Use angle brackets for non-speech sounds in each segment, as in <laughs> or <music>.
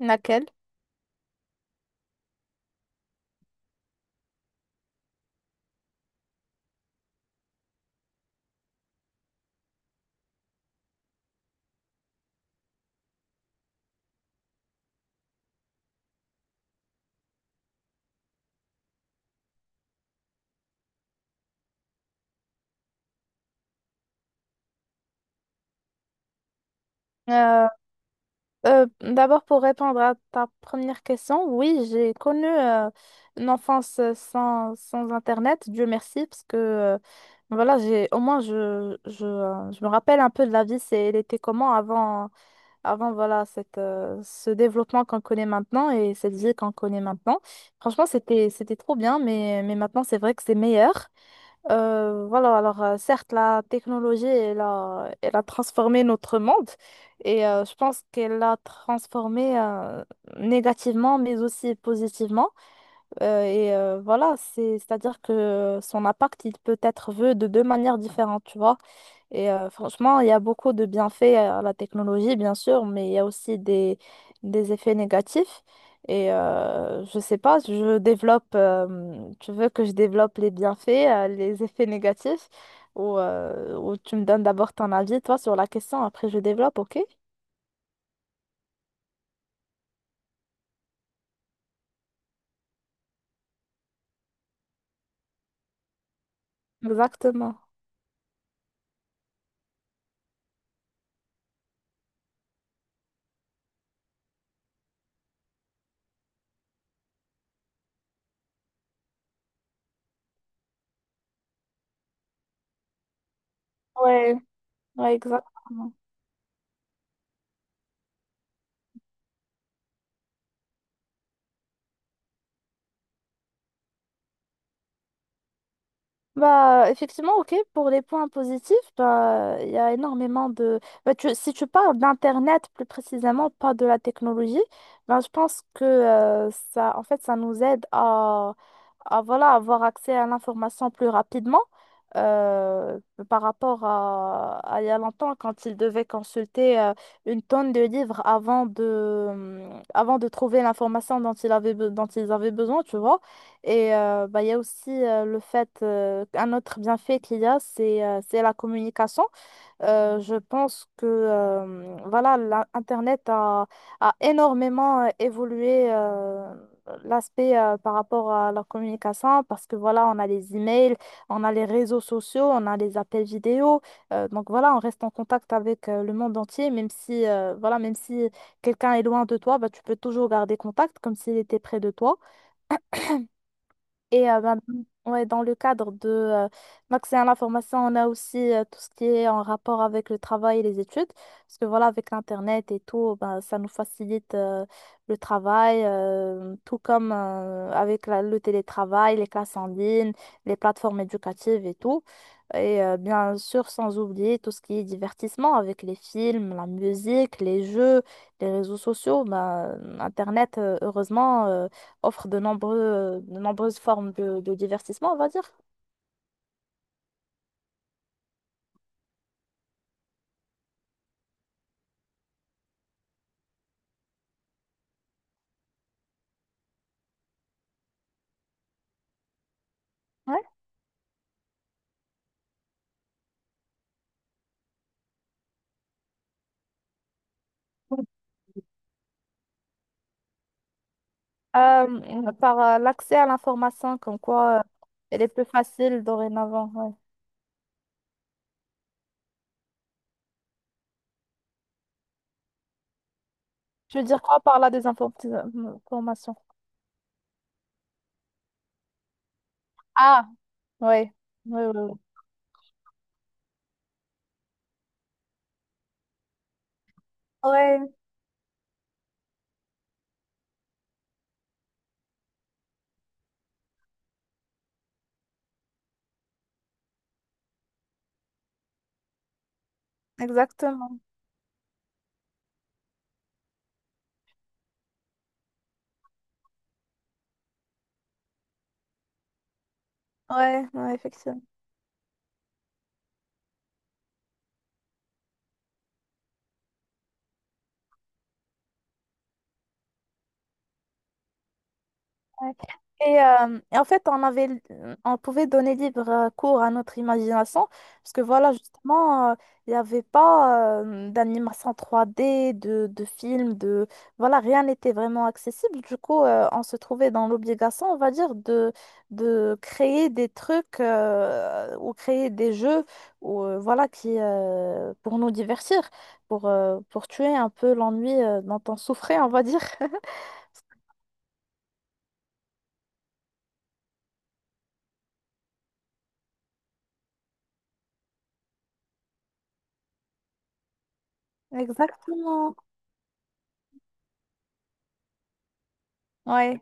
Laquelle? Euh, D'abord, pour répondre à ta première question, oui, j'ai connu une enfance sans Internet, Dieu merci, parce que voilà, j'ai au moins je me rappelle un peu de la vie, c'est, elle était comment avant, avant voilà, ce développement qu'on connaît maintenant et cette vie qu'on connaît maintenant. Franchement, c'était trop bien, mais maintenant, c'est vrai que c'est meilleur. Certes, la technologie, elle a transformé notre monde et je pense qu'elle l'a transformé négativement mais aussi positivement. C'est-à-dire que son impact, il peut être vu de deux manières différentes, tu vois. Franchement, il y a beaucoup de bienfaits à la technologie, bien sûr, mais il y a aussi des effets négatifs. Je sais pas, je développe, tu veux que je développe les bienfaits, les effets négatifs, ou tu me donnes d'abord ton avis, toi, sur la question, après je développe, ok? Exactement. Ouais, ouais, exactement. Bah, effectivement, ok, pour les points positifs, bah, il y a énormément de... Bah, si tu parles d'Internet plus précisément, pas de la technologie, bah, je pense que en fait, ça nous aide à voilà, avoir accès à l'information plus rapidement euh, par rapport à il y a longtemps, quand il devait consulter une tonne de livres avant de trouver l'information dont dont ils avaient besoin, tu vois. Il y a aussi le fait, un autre bienfait qu'il y a, c'est la communication. Je pense que Internet a énormément évolué l'aspect par rapport à la communication parce que voilà, on a les emails, on a les réseaux sociaux, on a les appels vidéo. Donc voilà, on reste en contact avec le monde entier, même si quelqu'un est loin de toi, bah, tu peux toujours garder contact comme s'il était près de toi. Et euh, ben, ouais, dans le cadre de l'accès à l'information, on a aussi tout ce qui est en rapport avec le travail et les études. Parce que voilà, avec l'Internet et tout, ben, ça nous facilite le travail, tout comme avec le télétravail, les classes en ligne, les plateformes éducatives et tout. Bien sûr, sans oublier tout ce qui est divertissement avec les films, la musique, les jeux, les réseaux sociaux. Ben, Internet, heureusement, offre de de nombreuses formes de divertissement, on va dire. Ouais. Par l'accès à l'information, comme quoi elle est plus facile dorénavant. Ouais. Tu veux dire quoi par la désinformation? Ah, ouais ouais oui. Ouais, ouais, exactement. Ouais, ouais, effectivement. Ouais. Et en fait, on avait, on pouvait donner libre cours à notre imagination, parce que voilà, il n'y avait pas d'animation 3D, de films, de... Voilà, rien n'était vraiment accessible. Du coup, on se trouvait dans l'obligation, on va dire, de créer des trucs ou créer des jeux ou pour nous divertir, pour tuer un peu l'ennui dont on souffrait, on va dire. Exactement. Ouais.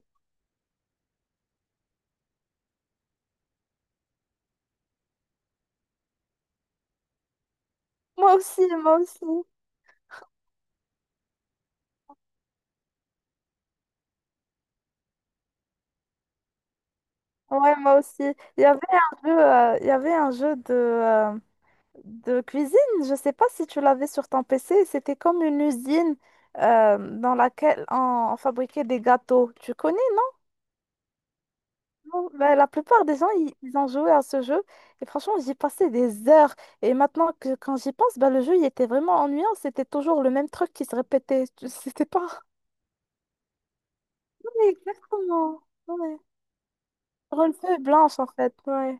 Moi aussi, moi aussi. Ouais, moi aussi. Il y avait un jeu, il y avait un jeu de cuisine, je sais pas si tu l'avais sur ton PC, c'était comme une usine dans laquelle on fabriquait des gâteaux. Tu connais, non? Bon, ben, la plupart des gens, ils ont joué à ce jeu et franchement, j'y passais des heures. Et maintenant que quand j'y pense, ben, le jeu, il était vraiment ennuyant, c'était toujours le même truc qui se répétait. Tu- <laughs> C'était pas... Oui, exactement. Ouais. Sur une feuille blanche, en fait. Ouais.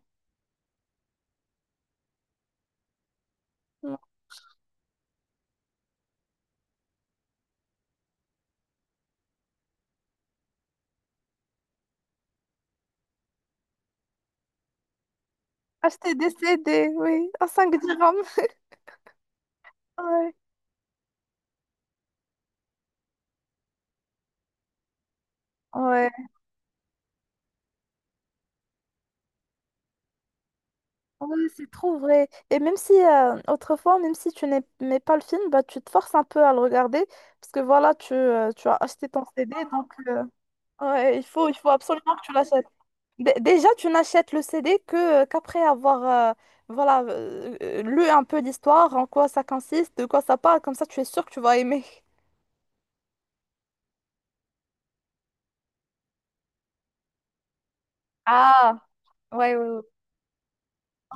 Acheter des CD, oui, à 5 dirhams. <laughs> Ouais, ouais, ouais, c'est trop vrai. Et même si, autrefois, même si tu n'aimais pas le film, bah, tu te forces un peu à le regarder, parce que voilà, tu as acheté ton CD, ouais, il faut absolument que tu l'achètes. Dé- déjà, tu n'achètes le CD que qu'après avoir voilà, lu un peu l'histoire, en quoi ça consiste, de quoi ça parle, comme ça tu es sûr que tu vas aimer. Ah, ouais, ouais,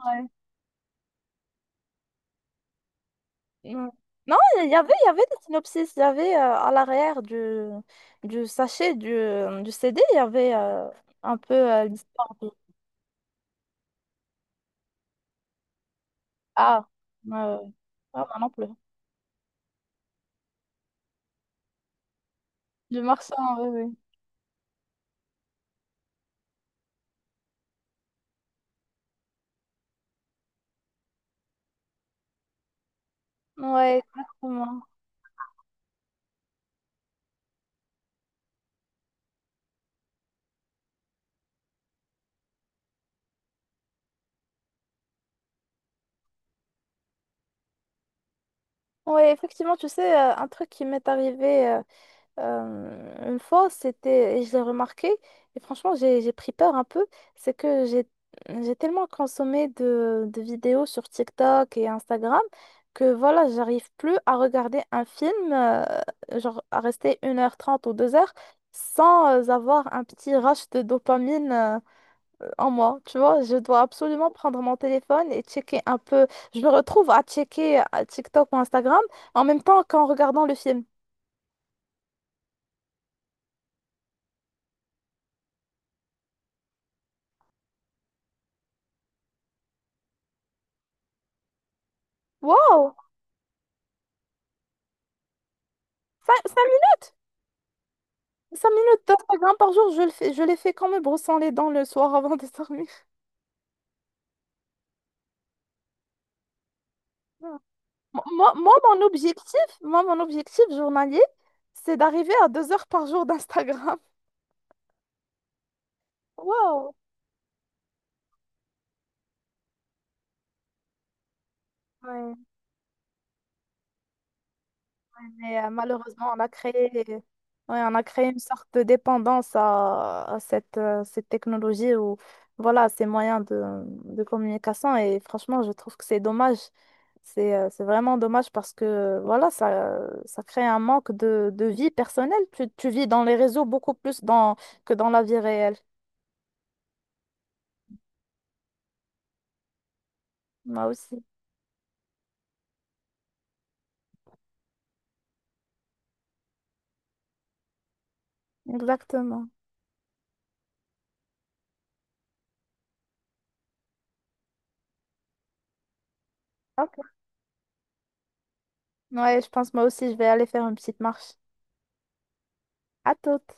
ouais. Mm. Non, il y avait des synopsis, il y avait à l'arrière du sachet du CD, il y avait un peu l'histoire du... Ah, ouais, ouais. Ah, moi non plus. Du marchand, oui, oui. Ouais, exactement. Ouais, effectivement, tu sais, un truc qui m'est arrivé une fois, c'était, et je l'ai remarqué, et franchement, j'ai pris peur un peu, c'est que j'ai tellement consommé de vidéos sur TikTok et Instagram que voilà, j'arrive plus à regarder un film, genre à rester 1h30 ou 2 heures sans avoir un petit rush de dopamine en moi. Tu vois, je dois absolument prendre mon téléphone et checker un peu. Je me retrouve à checker TikTok ou Instagram en même temps qu'en regardant le film. Waouh! 5 minutes. 5 minutes d'Instagram par jour, je les fais quand me brossant les dents le soir avant de dormir. <laughs> Moi, mon objectif, mon objectif journalier, c'est d'arriver à 2 heures par jour d'Instagram. Wow. Ouais. Mais malheureusement, on a créé, ouais, on a créé une sorte de dépendance à cette technologie ou voilà, ces moyens de communication. Et franchement, je trouve que c'est dommage. C'est vraiment dommage parce que voilà, ça crée un manque de vie personnelle. Tu vis dans les réseaux beaucoup plus que dans la vie réelle. Moi aussi. Exactement. Ok. Ouais, je pense moi aussi, je vais aller faire une petite marche. À toute.